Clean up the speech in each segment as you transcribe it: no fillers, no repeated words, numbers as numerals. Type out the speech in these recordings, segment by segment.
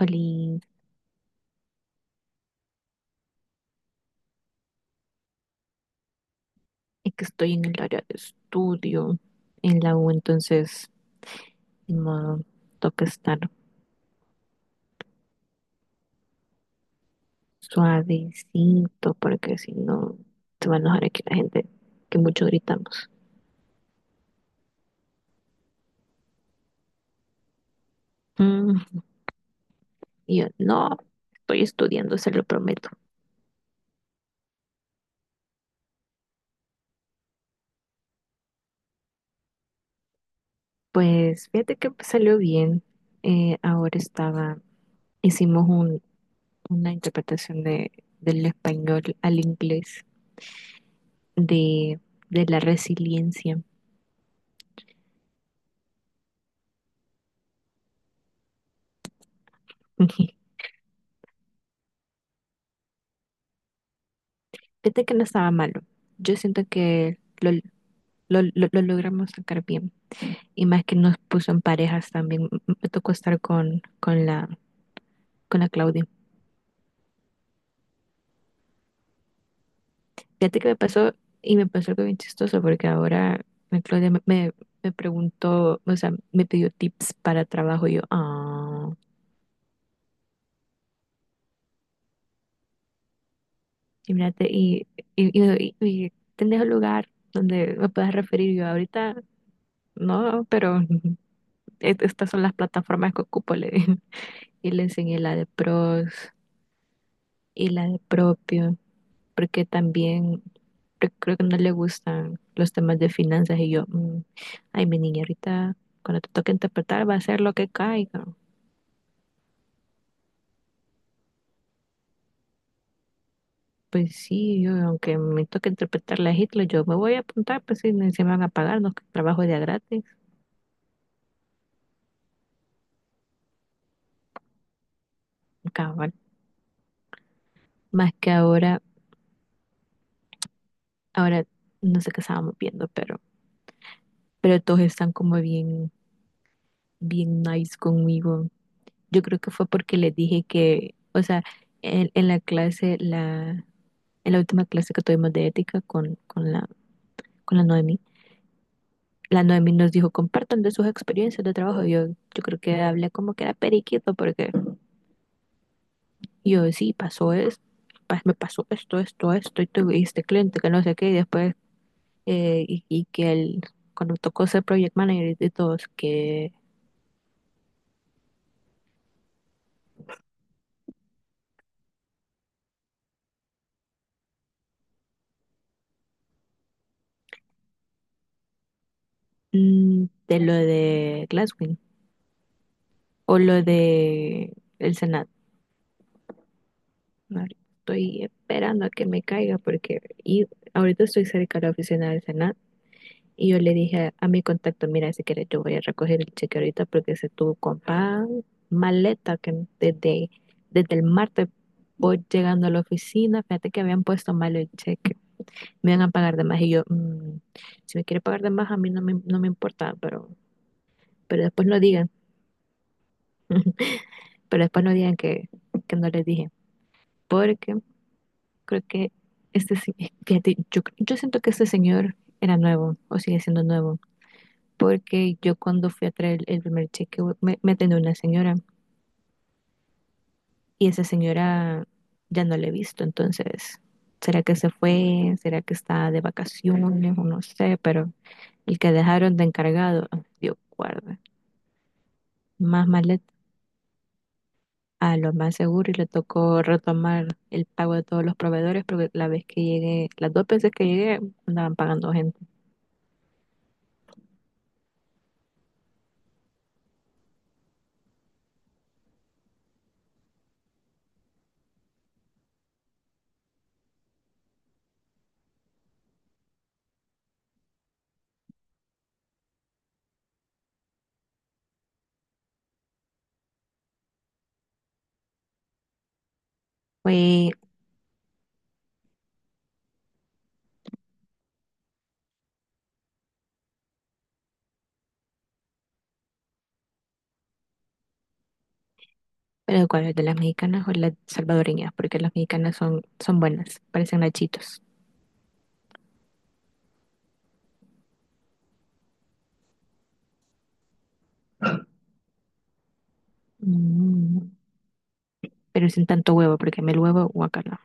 Oli, es que estoy en el área de estudio en la U, entonces ni modo, toca estar suavecito porque si no se va a enojar aquí la gente que mucho gritamos. Mm, y yo, no, estoy estudiando, se lo prometo. Pues fíjate que salió bien. Ahora estaba, hicimos una interpretación del español al inglés, de, de la resiliencia. Fíjate que no estaba malo. Yo siento que lo logramos sacar bien. Y más que nos puso en parejas también. Me tocó estar con la Claudia. Fíjate que me pasó, y me pasó algo bien chistoso, porque ahora la Claudia me preguntó, o sea, me pidió tips para trabajo. Y yo, ah, y mírate, y, ¿tenés un lugar donde me puedas referir? Y yo, ahorita no, pero estas son las plataformas que ocupo, le dije, y le enseñé la de pros, y la de propio, porque también creo que no le gustan los temas de finanzas y yo, ay, mi niña, ahorita cuando te toque interpretar va a ser lo que caiga. Pues sí, yo, aunque me toque interpretar la Hitler, yo me voy a apuntar, pues sí, se me van a pagar, no que trabajo de a gratis, cabal. Más que ahora no sé qué estábamos viendo, pero, todos están como bien, bien nice conmigo. Yo creo que fue porque les dije que, o sea, en, en la clase la, en la última clase que tuvimos de ética con la Noemi, la Noemi nos dijo, compartan de sus experiencias de trabajo. Yo creo que hablé como que era periquito, porque yo sí, pasó esto, me pasó esto, esto, esto, y tuve este cliente que no sé qué, y después, y que él, cuando tocó ser project manager de todos, que de lo de Glasswing o lo de el Senado. Estoy esperando a que me caiga porque y ahorita estoy cerca de la oficina del Senado. Y yo le dije a mi contacto, mira, si quieres yo voy a recoger el cheque ahorita porque ese tu compa maleta que desde el martes voy llegando a la oficina, fíjate que habían puesto mal el cheque, me iban a pagar de más y yo, "Si me quiere pagar de más a mí no me importa, pero después no digan, pero después no digan que no les dije, porque creo que este, se- fíjate, yo siento que este señor era nuevo o sigue siendo nuevo porque yo cuando fui a traer el primer cheque me atendió una señora y esa señora ya no la he visto, entonces, ¿será que se fue? ¿Será que está de vacaciones? O no sé, pero el que dejaron de encargado, ah, Dios guarda, más maleta. A lo más seguro y le tocó retomar el pago de todos los proveedores porque la vez que llegué, las dos veces que llegué, andaban pagando gente. Fue. Pero ¿cuál es de las mexicanas o las salvadoreñas? Porque las mexicanas son buenas, parecen nachitos. Mm, pero sin tanto huevo, porque a mí el huevo, guacala.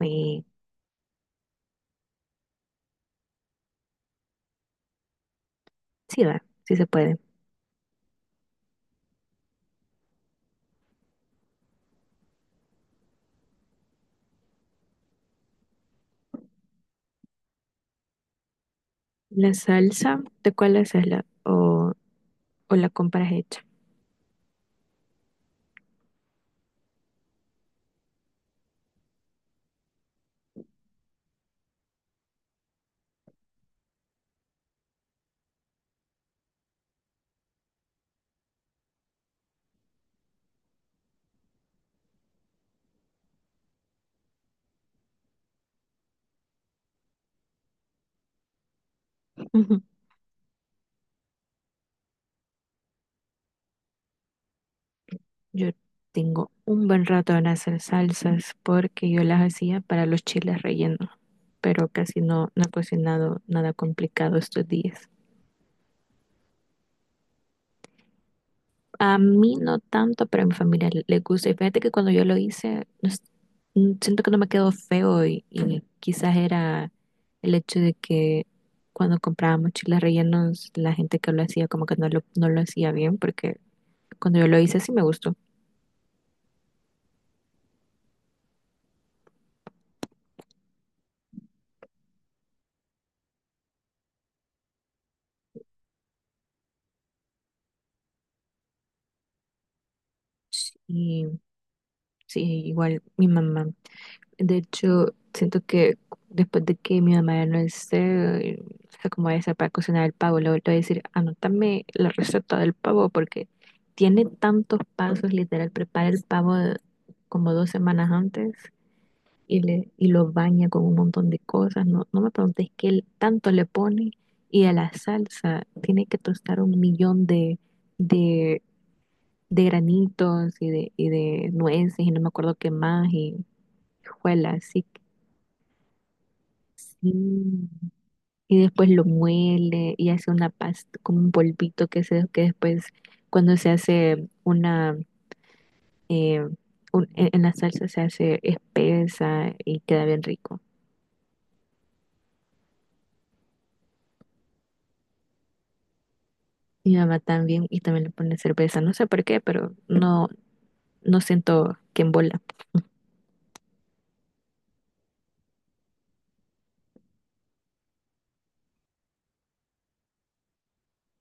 Y sí va, sí se puede. La salsa, ¿de cuál haces la o la compras hecha? Ujú. Yo tengo un buen rato en hacer salsas porque yo las hacía para los chiles rellenos, pero casi no he cocinado nada complicado estos días. A mí no tanto, pero a mi familia le gusta. Y fíjate que cuando yo lo hice, no es- mm, siento que no me quedó feo y quizás era el hecho de que cuando comprábamos chiles rellenos, la gente que lo hacía como que no lo hacía bien, porque cuando yo lo hice sí me gustó. Y sí, igual mi mamá. De hecho, siento que después de que mi mamá ya no esté, o sea, como esa para cocinar el pavo, le voy a decir, anótame la receta del pavo porque tiene tantos pasos, literal, prepara el pavo como 2 semanas antes y lo baña con un montón de cosas. No, no me preguntes qué tanto le pone y a la salsa tiene que tostar un millón de, de granitos y de, nueces y no me acuerdo qué más y juela, sí. Mm, Y después lo muele y hace una pasta, como un polvito que se, que después cuando se hace una, eh, en la salsa se hace espesa y queda bien rico. Mi mamá también, y también le pone cerveza, no sé por qué, pero no siento que embola.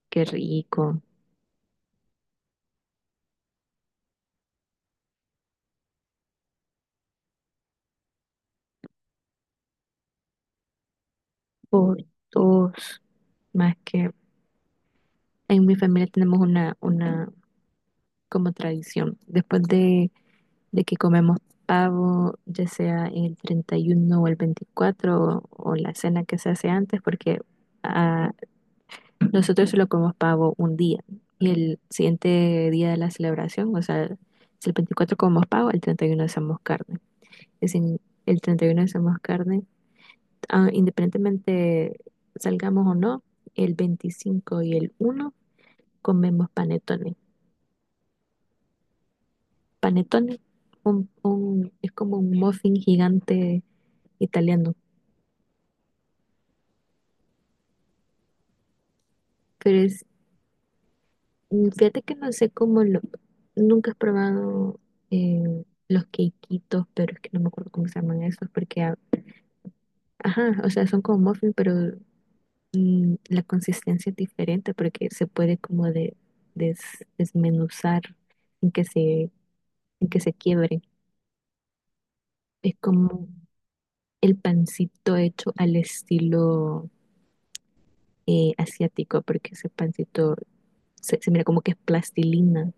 Qué rico. Por dos, más que en mi familia tenemos una como tradición. Después de que comemos pavo, ya sea el 31 o el 24 o la cena que se hace antes, porque ah, nosotros solo comemos pavo un día y el siguiente día de la celebración, o sea, si el 24 comemos pavo, el 31 hacemos carne. Y si el 31 hacemos carne, independientemente salgamos o no, el 25 y el 1 comemos panetones. Panetones, es como un muffin gigante italiano. Pero es, fíjate que no sé nunca he probado, los quequitos, pero es que no me acuerdo cómo se llaman esos, porque, ajá, o sea, son como muffin, pero la consistencia es diferente, porque se puede como desmenuzar, sin que se, sin que se quiebre. Es como el pancito hecho al estilo, asiático, porque ese pancito se mira como que es plastilina,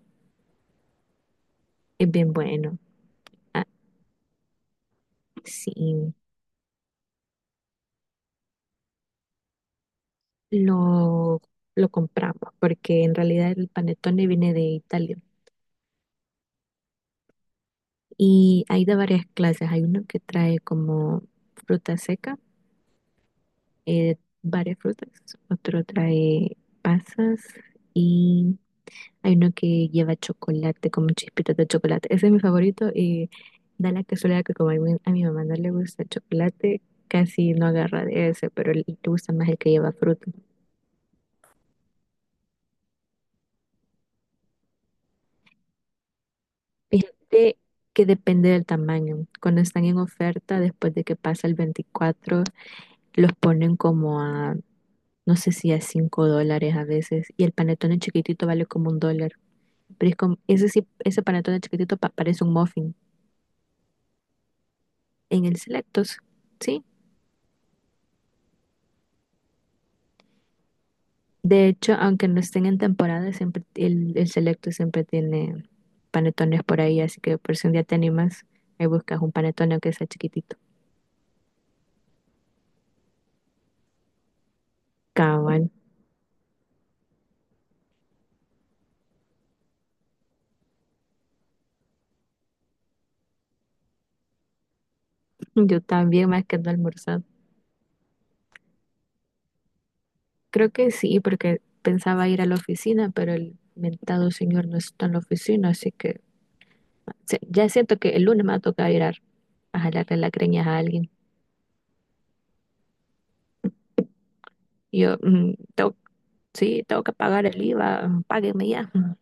es bien bueno. Ah, sí. lo, lo compramos, porque en realidad el panettone viene de Italia y hay de varias clases. Hay uno que trae como fruta seca, eh, varias frutas, otro trae pasas y hay uno que lleva chocolate, como chispitas de chocolate. Ese es mi favorito y da la casualidad que como a mi mamá no le gusta el chocolate, casi no agarra de ese, pero le gusta más el que lleva fruta. Fíjate que depende del tamaño. Cuando están en oferta, después de que pasa el 24 los ponen como a, no sé si a $5 a veces. Y el panetone chiquitito vale como $1. Pero es como, ese sí, ese panetone chiquitito parece un muffin. En el Selectos, sí. De hecho, aunque no estén en temporada, siempre el Selecto siempre tiene panetones por ahí. Así que por si un día te animas, ahí buscas un panetone que sea chiquitito. Cabal. Yo también, más que no he. Creo que sí, porque pensaba ir a la oficina, pero el mentado señor no está en la oficina, así que ya siento que el lunes me va a tocar ir a jalarle las creñas a alguien. Y yo, tengo que pagar el IVA, páguenme ya.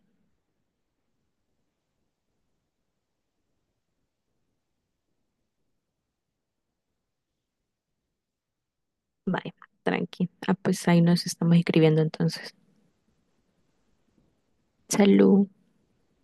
Vaya, tranqui. Ah, pues ahí nos estamos escribiendo entonces. Salud.